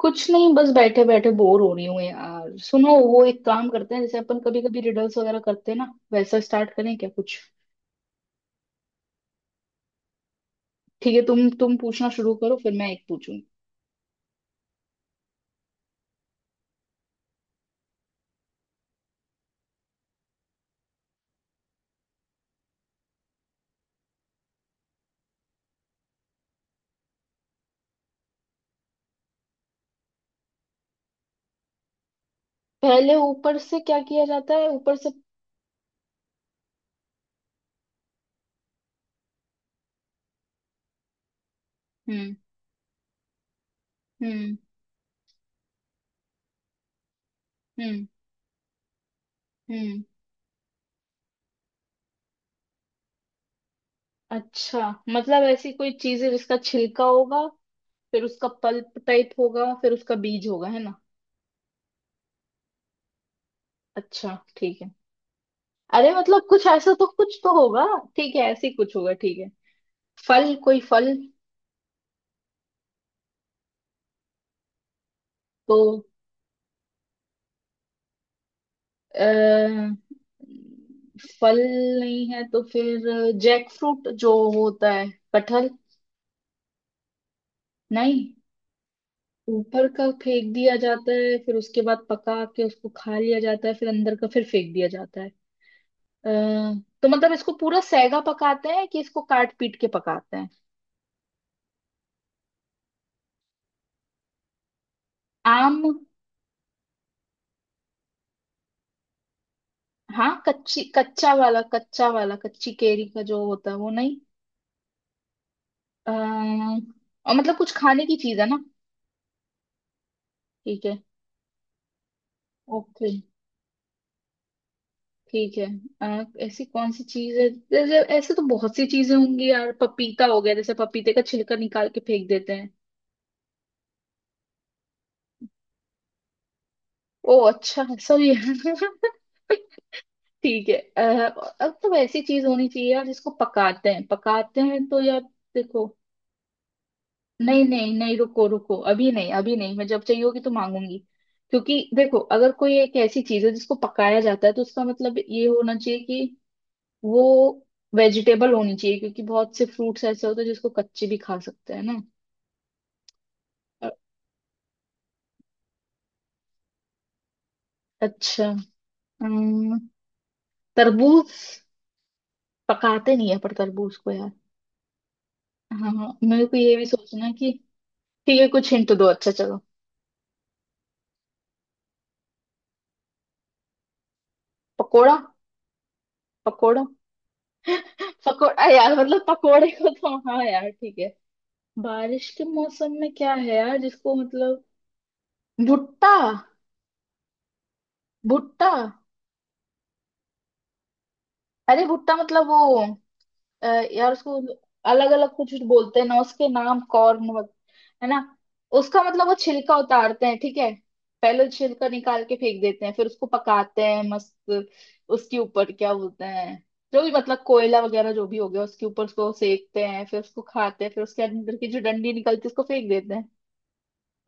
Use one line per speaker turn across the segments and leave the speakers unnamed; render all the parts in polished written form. कुछ नहीं, बस बैठे बैठे बोर हो रही हूँ यार। सुनो, वो एक काम करते हैं, जैसे अपन कभी कभी रिडल्स वगैरह करते हैं ना, वैसा स्टार्ट करें क्या कुछ। ठीक है, तुम पूछना शुरू करो, फिर मैं एक पूछूंगी। पहले ऊपर से क्या किया जाता है? ऊपर से? हम्म। हम्म। हम्म। हम्म। अच्छा। मतलब ऐसी कोई चीज है जिसका छिलका होगा, फिर उसका पल्प टाइप होगा, फिर उसका बीज होगा, है ना। अच्छा ठीक है। अरे मतलब कुछ ऐसा तो, कुछ तो होगा। ठीक है, ऐसी कुछ होगा। ठीक है, फल, कोई फल। तो अ, फल नहीं है तो फिर जैक फ्रूट जो होता है, कटहल। नहीं। ऊपर का फेंक दिया जाता है, फिर उसके बाद पका के उसको खा लिया जाता है, फिर अंदर का फिर फेंक दिया जाता है। अ, तो मतलब इसको पूरा सेगा पकाते हैं कि इसको काट पीट के पकाते हैं? आम। हाँ, कच्ची, कच्चा वाला कच्ची केरी का जो होता है वो, नहीं। आ, और मतलब कुछ खाने की चीज है ना। ठीक है। ओके। ठीक है, ऐसी कौन सी चीज है? जैसे ऐसे तो बहुत सी चीजें होंगी यार, पपीता हो गया, जैसे पपीते का छिलका निकाल के फेंक देते हैं। ओ अच्छा, सॉरी। ठीक है। अब तो ऐसी चीज होनी चाहिए यार जिसको पकाते हैं, पकाते हैं तो यार। देखो। नहीं नहीं नहीं, रुको रुको, अभी नहीं अभी नहीं। मैं जब चाहिए होगी तो मांगूंगी। क्योंकि देखो, अगर कोई एक ऐसी चीज है जिसको पकाया जाता है, तो उसका मतलब ये होना चाहिए, वो वेजिटेबल होनी चाहिए, क्योंकि बहुत से फ्रूट्स ऐसे होते हैं जिसको कच्चे भी खा सकते हैं ना। अ- अच्छा। अम, तरबूज? पकाते नहीं है पर तरबूज को यार। हाँ हाँ, मेरे को ये भी सोचना है कि। ठीक है, कुछ हिंट दो। अच्छा चलो। पकोड़ा? पकोड़ा। पकोड़ा यार मतलब, पकोड़े को तो हाँ यार, ठीक है। बारिश के मौसम में क्या है यार, जिसको मतलब। भुट्टा। भुट्टा। अरे भुट्टा मतलब वो, अ, यार उसको अलग अलग कुछ कुछ बोलते हैं ना उसके नाम, कॉर्न वग-। है ना। उसका मतलब वो छिलका उतारते हैं, ठीक है। पहले छिलका निकाल के फेंक देते हैं, फिर उसको पकाते हैं मस्त। उसके ऊपर क्या बोलते हैं, जो भी मतलब कोयला वगैरह जो भी हो गया, उसके ऊपर उसको सेकते हैं, फिर उसको खाते हैं, फिर उसके अंदर की जो डंडी निकलती है उसको फेंक देते हैं।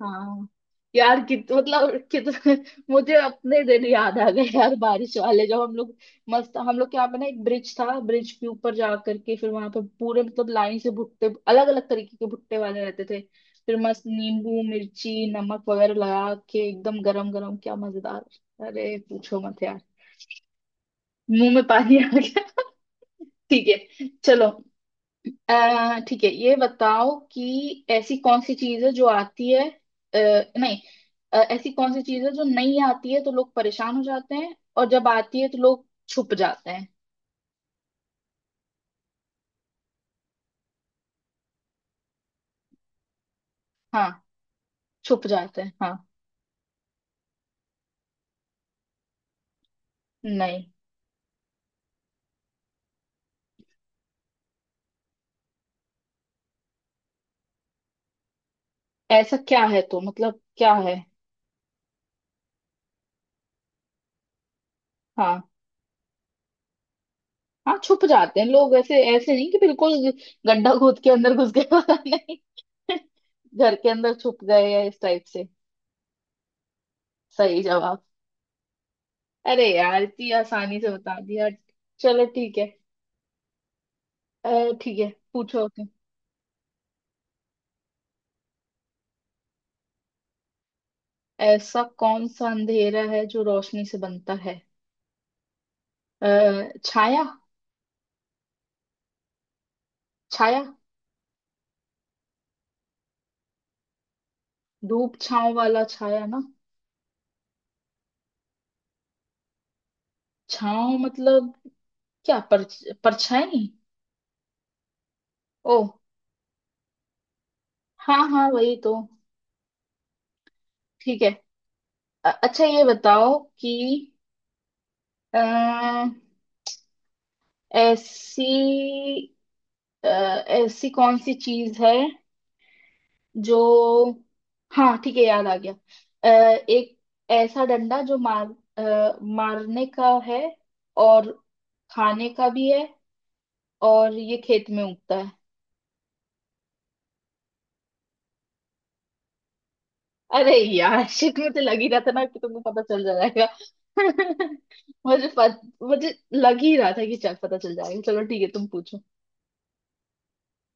हाँ। यार कित मतलब कितना। मुझे अपने दिन याद आ गए यार, बारिश वाले, जब हम लोग मस्त। हम लोग के यहाँ पे ना एक ब्रिज था, ब्रिज के ऊपर जा करके फिर वहां पे पूरे मतलब लाइन से भुट्टे, अलग अलग तरीके के भुट्टे वाले रहते थे। फिर मस्त नींबू मिर्ची नमक वगैरह लगा के, एकदम गरम गरम, क्या मजेदार। अरे पूछो मत यार। मुंह में पानी आ गया। ठीक है चलो। ठीक है ये बताओ कि ऐसी कौन सी चीज है जो आती है, नहीं, ऐसी कौन सी चीज है जो नहीं आती है तो लोग परेशान हो जाते हैं, और जब आती है तो लोग छुप जाते हैं। हाँ। छुप जाते हैं, हाँ। नहीं। ऐसा क्या है तो, मतलब क्या है। हाँ। हाँ, छुप जाते हैं लोग, ऐसे ऐसे नहीं कि बिल्कुल गड्ढा खोद के अंदर घुस गए पता नहीं, घर के अंदर छुप गए या इस टाइप से। सही जवाब। अरे यार इतनी आसानी से बता दिया। चलो ठीक है। अ, ठीक है, पूछो। ओके। ऐसा कौन सा अंधेरा है जो रोशनी से बनता है? अ, छाया। छाया। धूप छांव वाला छाया ना। छांव मतलब। क्या, पर परछाई। ओ। हाँ हाँ, वही तो। ठीक है। अच्छा ये बताओ कि, अ, ऐसी, ऐसी कौन सी चीज है जो, हाँ ठीक है याद आ गया। अ, एक ऐसा डंडा जो मार, मारने का है, और खाने का भी है, और ये खेत में उगता है। अरे यार शिट, मुझे लग ही रहा था ना कि तुमको पता चल जाएगा। मुझे लग ही रहा था कि चल पता चल जाएगा। चलो ठीक है, तुम पूछो।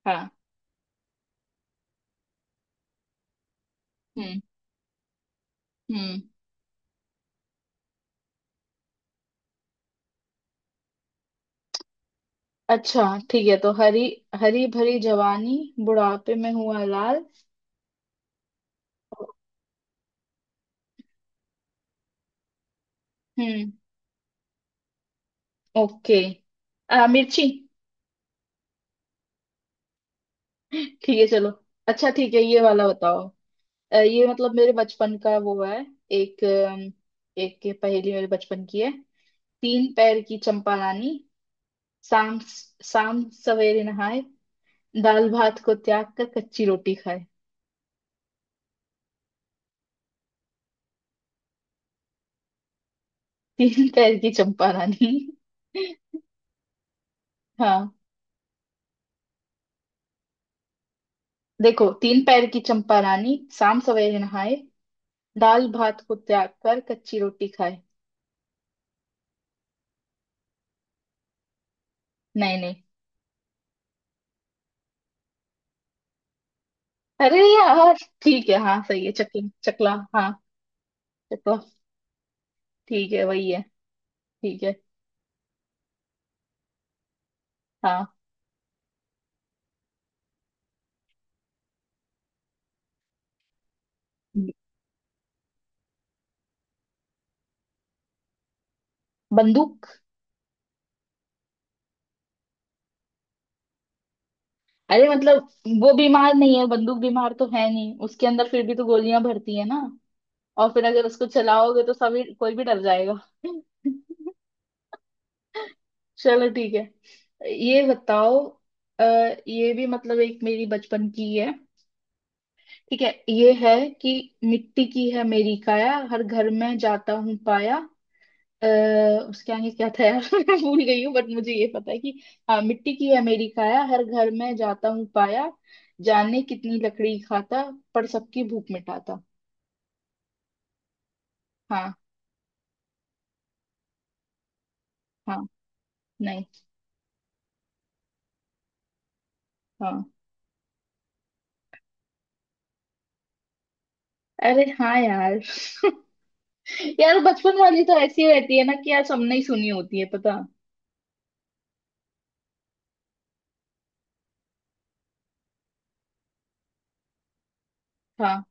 हाँ। हम्म। हम्म। अच्छा ठीक है, तो हरी हरी भरी जवानी, बुढ़ापे में हुआ लाल। हम्म। ओके। मिर्ची। ठीक है चलो। अच्छा ठीक है, ये वाला बताओ। ये मतलब मेरे बचपन का वो है। एक अम, एक पहेली मेरे बचपन की है। तीन पैर की चंपा रानी, शाम शाम सवेरे नहाए, दाल भात को त्याग कर कच्ची रोटी खाए। तीन पैर की चंपा रानी। हाँ। देखो, तीन पैर की चंपा रानी शाम सवेरे नहाए, दाल भात को त्याग कर कच्ची रोटी खाए। नहीं नहीं। अरे यार। ठीक है हाँ सही है, चकला चकला। हाँ। चकला। ठीक है, वही है। ठीक है। हाँ। बंदूक। अरे मतलब वो, बीमार नहीं है बंदूक, बीमार तो है नहीं उसके अंदर, फिर भी तो गोलियां भरती है ना। और फिर अगर उसको चलाओगे तो सभी, कोई भी डर जाएगा। चलो ठीक है, ये बताओ। आ, ये भी मतलब एक मेरी बचपन की है। ठीक है, ये है कि, मिट्टी की है मेरी काया, हर घर में जाता हूँ पाया। अ, उसके आगे क्या था यार? मैं भूल गई हूँ, बट मुझे ये पता है कि, हाँ, मिट्टी की अमेरिका या हर घर में जाता हूँ पाया, जाने कितनी लकड़ी खाता, पर सबकी भूख मिटाता। हाँ। हाँ। नहीं। हाँ। अरे हाँ यार। यार बचपन वाली तो ऐसी रहती है ना कि यार, सबने ही सुनी होती है पता। हाँ।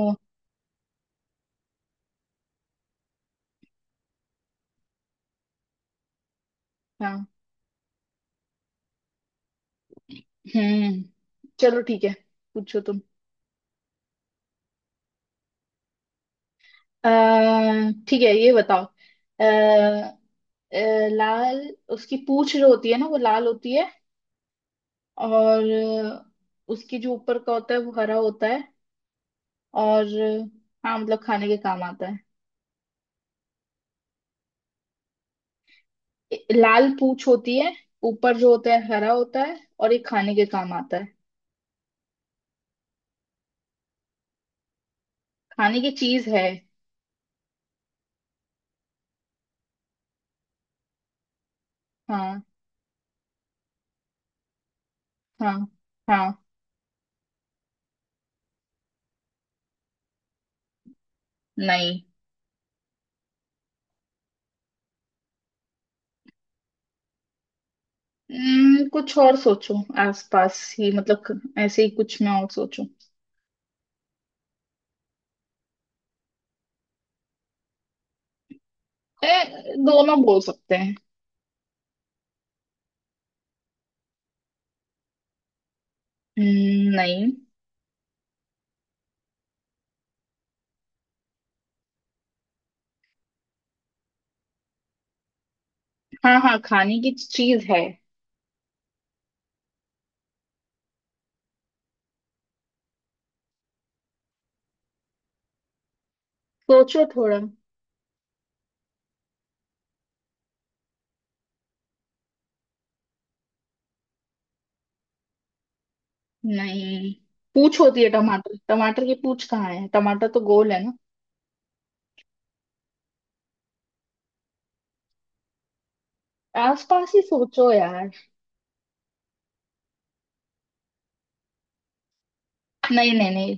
ओ। हाँ। हम्म। चलो ठीक है, पूछो तुम। अः ठीक है, ये बताओ। अः लाल, उसकी पूंछ जो होती है ना वो लाल होती है, और उसकी जो ऊपर का होता है वो हरा होता है, और हाँ मतलब खाने के काम आता है। लाल पूंछ होती है, ऊपर जो होता है हरा होता है, और ये खाने के काम आता है। खाने की चीज है। हाँ। हाँ। हाँ। नहीं। कुछ और सोचो। आसपास ही मतलब, ऐसे ही कुछ मैं और सोचूं। दोनों बोल सकते हैं। नहीं। हाँ। हाँ, खाने की चीज है। सोचो थोड़ा। नहीं। पूछ होती है टमाटर। टमाटर की पूछ कहाँ है? टमाटर तो गोल है ना। आसपास ही सोचो यार। नहीं नहीं नहीं।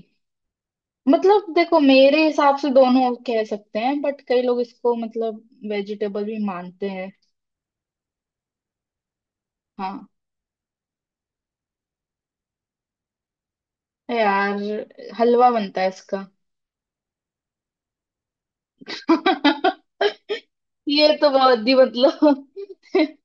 मतलब देखो, मेरे हिसाब से दोनों कह सकते हैं, बट कई लोग इसको मतलब वेजिटेबल भी मानते हैं। हाँ। यार हलवा बनता है इसका। ये तो बहुत ही मतलब।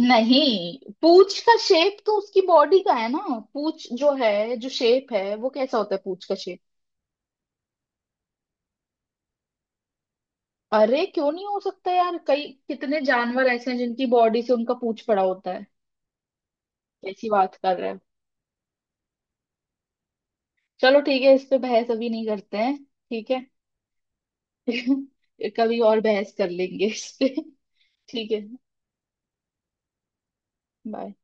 नहीं, पूछ का शेप तो उसकी बॉडी का है ना। पूछ जो है, जो शेप है वो कैसा होता है, पूछ का शेप। अरे क्यों नहीं हो सकता यार, कई कितने जानवर ऐसे हैं जिनकी बॉडी से उनका पूंछ पड़ा होता है। कैसी बात कर रहे हो। चलो ठीक है, इस पे बहस अभी नहीं करते हैं। ठीक है। कभी और बहस कर लेंगे इस पे। ठीक है। बाय।